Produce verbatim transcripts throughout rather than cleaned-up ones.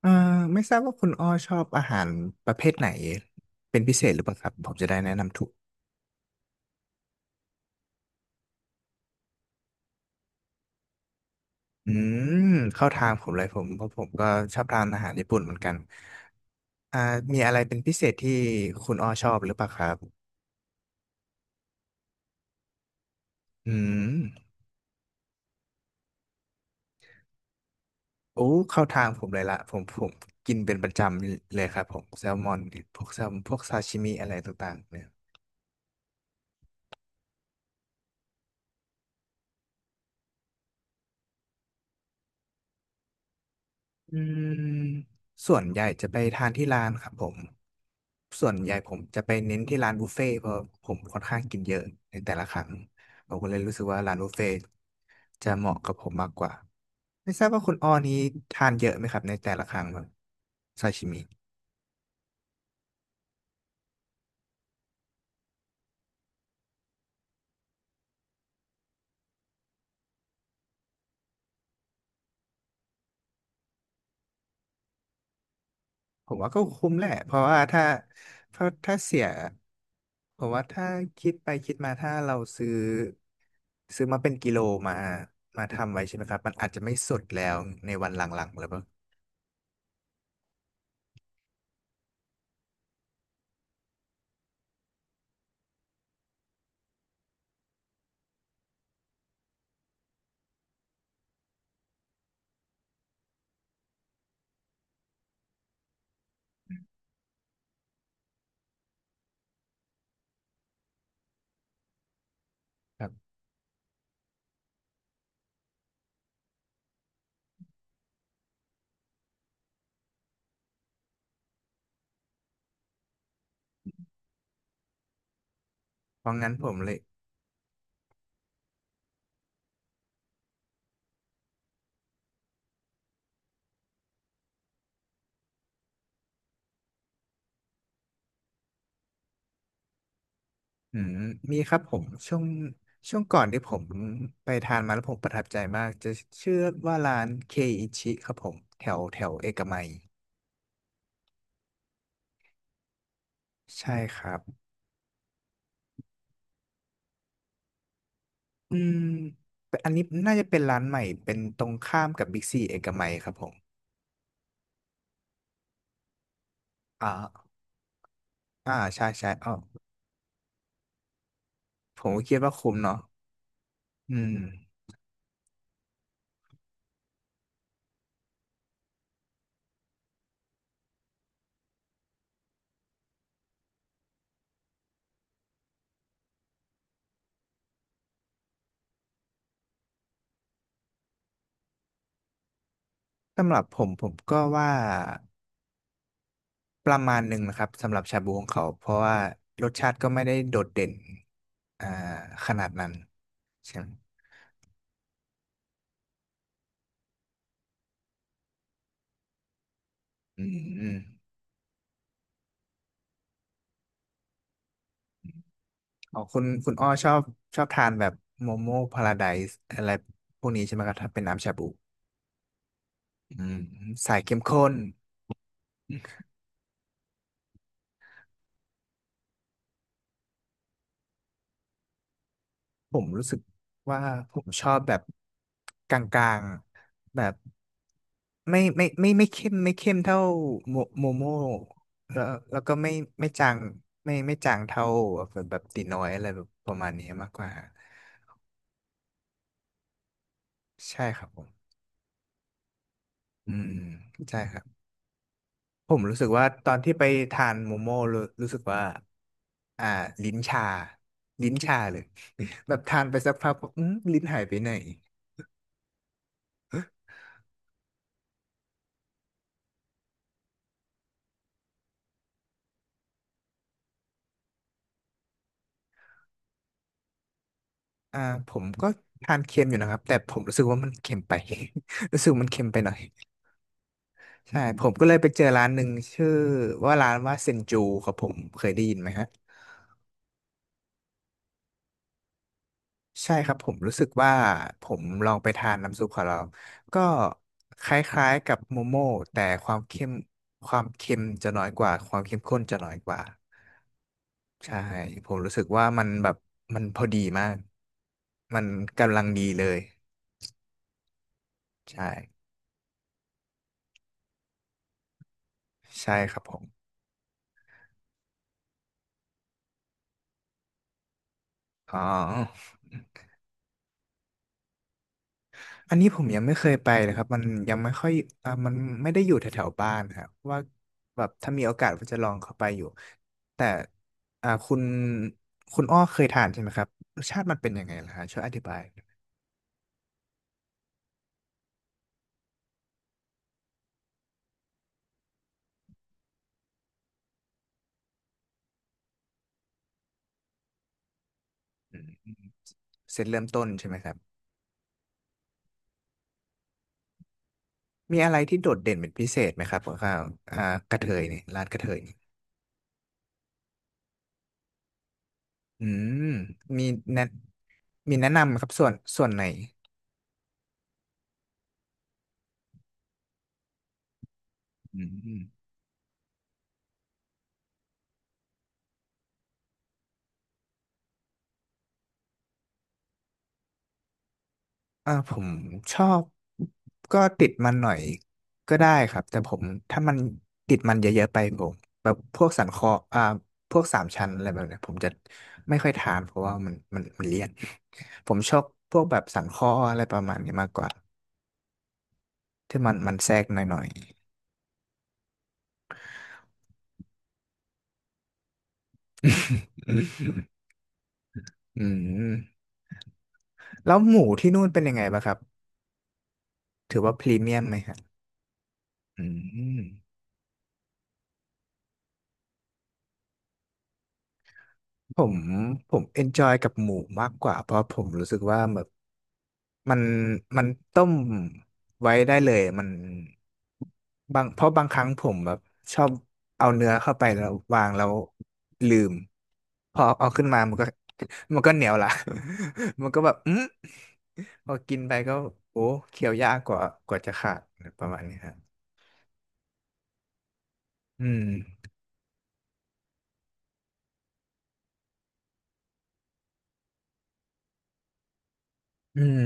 เอ่อไม่ทราบว่าคุณอ้อชอบอาหารประเภทไหนเป็นพิเศษหรือเปล่าครับผมจะได้แนะนำถูกอืมเข้าทางผมเลยผมเพราะผมก็ชอบทานอาหารญี่ปุ่นเหมือนกันอ่ามีอะไรเป็นพิเศษที่คุณอ้อชอบหรือเปล่าครับอืมโอ้เข้าทางผมเลยละผมผมกินเป็นประจำเลยครับผมแซลมอนพวกแซลพวกซาชิมิอะไรต่างๆเนี่ยอืมส่วนใหญ่จะไปทานที่ร้านครับผม ส่วนใหญ่ผมจะไปเน้นที่ร้านบุฟเฟ่ต์เพราะผมค่อนข้างกินเยอะในแต่ละครั้งผมก็เลยรู้สึกว่าร้านบุฟเฟ่ต์จะเหมาะกับผมมากกว่าไม่ทราบว่าคุณอ้อนี้ทานเยอะไหมครับในแต่ละครั้งแบบซาชิมิผมว่าก็คุ้มแหละเพราะว่าถ้าเพราะถ้าเสียผมว่าถ้าคิดไปคิดมาถ้าเราซื้อซื้อมาเป็นกิโลมามาทำไว้ใช่ไหมครับมันอาจจะไม่สดแล้วในวันหลังๆหรือเปล่าครับเพราะงั้นผมเลย อืมมีครับผมช่วงช่วงก่อนที่ผมไปทานมาแล้วผมประทับใจมากจะชื่อว่าร้านเคอิชิครับผมแถวแถวเอกมัยใช่ครับอืมเป็นอันนี้น่าจะเป็นร้านใหม่เป็นตรงข้ามกับบิ๊กซีเอกมัยครับผมอ่าอ่าใช่ใช่อ๋อผมก็คิดว่าคุ้มเนาะอืมสำหรับผมผมก็ว่าประมาณหนึ่งนะครับสำหรับชาบูของเขาเพราะว่ารสชาติก็ไม่ได้โดดเด่นอ่าขนาดนั้นใช่ไหม อืมอืมอ๋อคุณคุณอ้อชอบชอบทานแบบโมโม่พาราไดซ์อะไรพวกนี้ใช่ไหมครับถ้าเป็นน้ำชาบูอืมสายเข้มข้นผมรู้สึกว่าผมชอบแบบกลางๆแบบไม่ไม่ไม่ไม่เข้มไม่เข้มเท่าโมโมโม่แล้วแล้วก็ไม่ไม่จางไม่ไม่จางเท่าแบบแบบตีน้อยอะไรแบบประมาณนี้มากกว่าใช่ครับผมอืมอืมใช่ครับ ผมรู้สึกว่าตอนที่ไปทานโมโม่รู้รู้สึกว่าอ่าลิ้นชาลิ้นชาเลย แบบทานไปสักพักอืมลิ้นหายไปไหนอ่าผมก็ทานเค็มอยู่นะครับแต่ผมรู้สึกว่ามันเค็มไป รู้สึกมันเค็มไปหน่อยใช่ผมก็เลยไปเจอร้านหนึ่งชื่อว่าร้านว่าเซนจูครับผมเคยได้ยินไหมฮะ ใช่ครับผมรู้สึกว่าผมลองไปทานน้ำซุปของเราก็คล้ายๆกับโมโม่แต่ความเข้มความเค็มจะน้อยกว่าความเข้มข้นจะน้อยกว่าใช่ผมรู้สึกว่ามันแบบมันพอดีมากมันกำลังดีเลยใช่ใช่ครับผมอ๋อ อันนี้ผมยังไม่เคยไปเลยครับมันยังไม่ค่อยอ่ามันไม่ได้อยู่แถวๆบ้านครับว่าแบบถ้ามีโอกาสก็จะลองเข้าไปอยู่แต่อ่าคุณคุณอ้อเคยทานใช่ไหมครับรสชาติมันเป็นยังไงล่ะฮะช่วยอธิบายอืมเสร็จเริ่มต้นใช่ไหมครับมีอะไรที่โดดเด่นเป็นพิเศษไหมครับข้าวอ่ากระเทยนี่ร้านกระเทยนี่อืมมีแนะมีแนะนำไหมครับส่วนส่วนไหนอืม อ่าผมชอบก็ติดมันหน่อยก็ได้ครับแต่ผมถ้ามันติดมันเยอะๆไปผมแบบพวกสันคออ่าพวกสามชั้นอะไรแบบเนี้ยผมจะไม่ค่อยทานเพราะว่ามันมันมันเลี่ยนผมชอบพวกแบบสันคออะไรประมาณนี้มากกว่าที่มันมันแทรกหน่อยๆ อืมแล้วหมูที่นู่นเป็นยังไงบ้างครับถือว่าพรีเมียมไหมครับอืม ผมผมเอนจอยกับหมูมากกว่าเพราะผมรู้สึกว่าแบบมันมันต้มไว้ได้เลยมันบางเพราะบางครั้งผมแบบชอบเอาเนื้อเข้าไปแล้ววางแล้วลืมพอเอาขึ้นมามันก็ มันก็เหนียวละ มันก็แบบอืมพอกินไปก็โอ้เคี้ยวยากกว่ากว่าจะขาดประมาณนี้ครับอืมอืม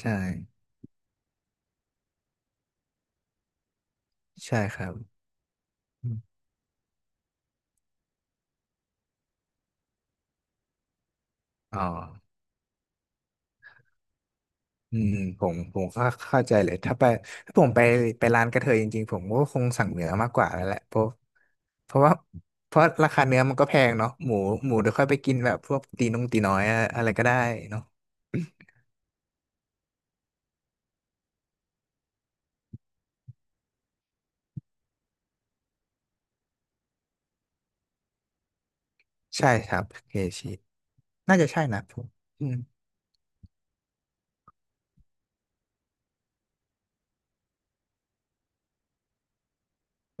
ใช่ใช่ครับอมอ๋อ อืมผมผมก็เข้าใจเลยถ้าไปถ้าผมไปไปร้านกระเทยจริงๆผมก็คงสั่งเนื้อมากกว่าแล้วแหละเพราะเพราะว่าเพราะราคาเนื้อมันก็แพงเนาะหมูหมูเดี๋ยวค่อยไปกินแบบพวกตีนงตีน้อยอะอะไรก็ได้เนาะใช่ครับเคชิน่าจะใช่นะผมอืม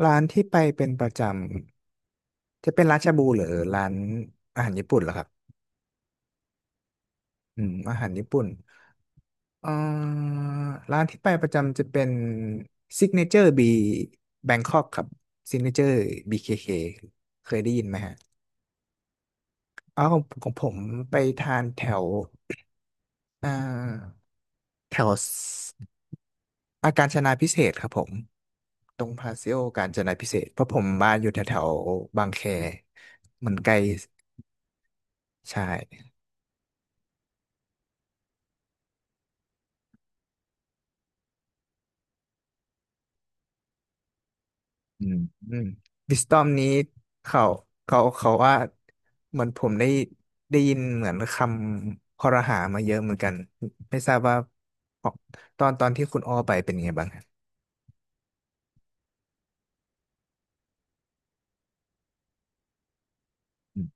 ร้านที่ไปเป็นประจำจะเป็นร้านชาบูหรือร้านอาหารญี่ปุ่นเหรอครับอืมอาหารญี่ปุ่น เอ่อร้านที่ไปประจำจะเป็น Signature B Bangkok ครับ Signature บี เค เค เคเคเคยได้ยินไหมฮะอ๋อของของผมไปทานแถวเอ่อแถวอาการจนาพิเศษกครับผมตรงพาซิโอการจนาพิเศษกเพราะผมบ้านอยู่แถวแถวบางแคมันไกลใช่ อืมอืมวิสตอมนี้เขาเขาเขาว่าเหมือนผมได้ได้ยินเหมือนคำคอรหามาเยอะเหมือนกันไม่ทราบว่าตอนตอนที่คุณอ้อไปเป็นไงบ้างครับอืม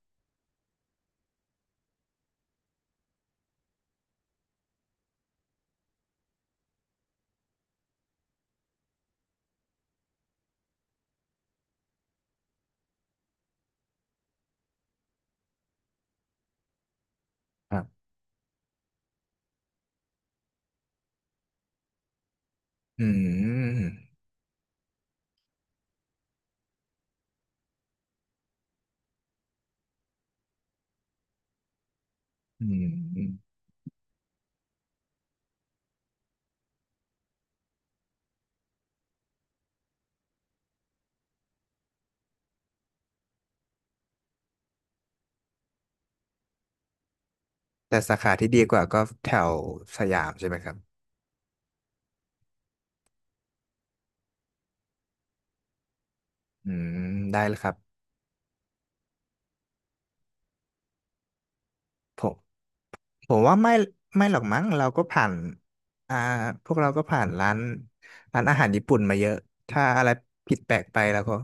ครับอืมอืมอืมแต่สาขาที่ดีกว่าก็แถวสยามใช่ไหมครับอืมได้เลยครับผม ผมว่าไม่ไม่หรอกมั้งเราก็ผ่านอ่าพวกเราก็ผ่านร้านร้านอาหารญี่ปุ่นมาเยอะถ้าอะไรผิดแปลกไปเราก็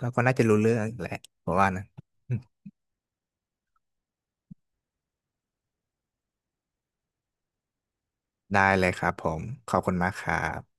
เราก็น่าจะรู้เรื่องแหละผมว่านะได้เลยครับผมขอบคุณมากครับ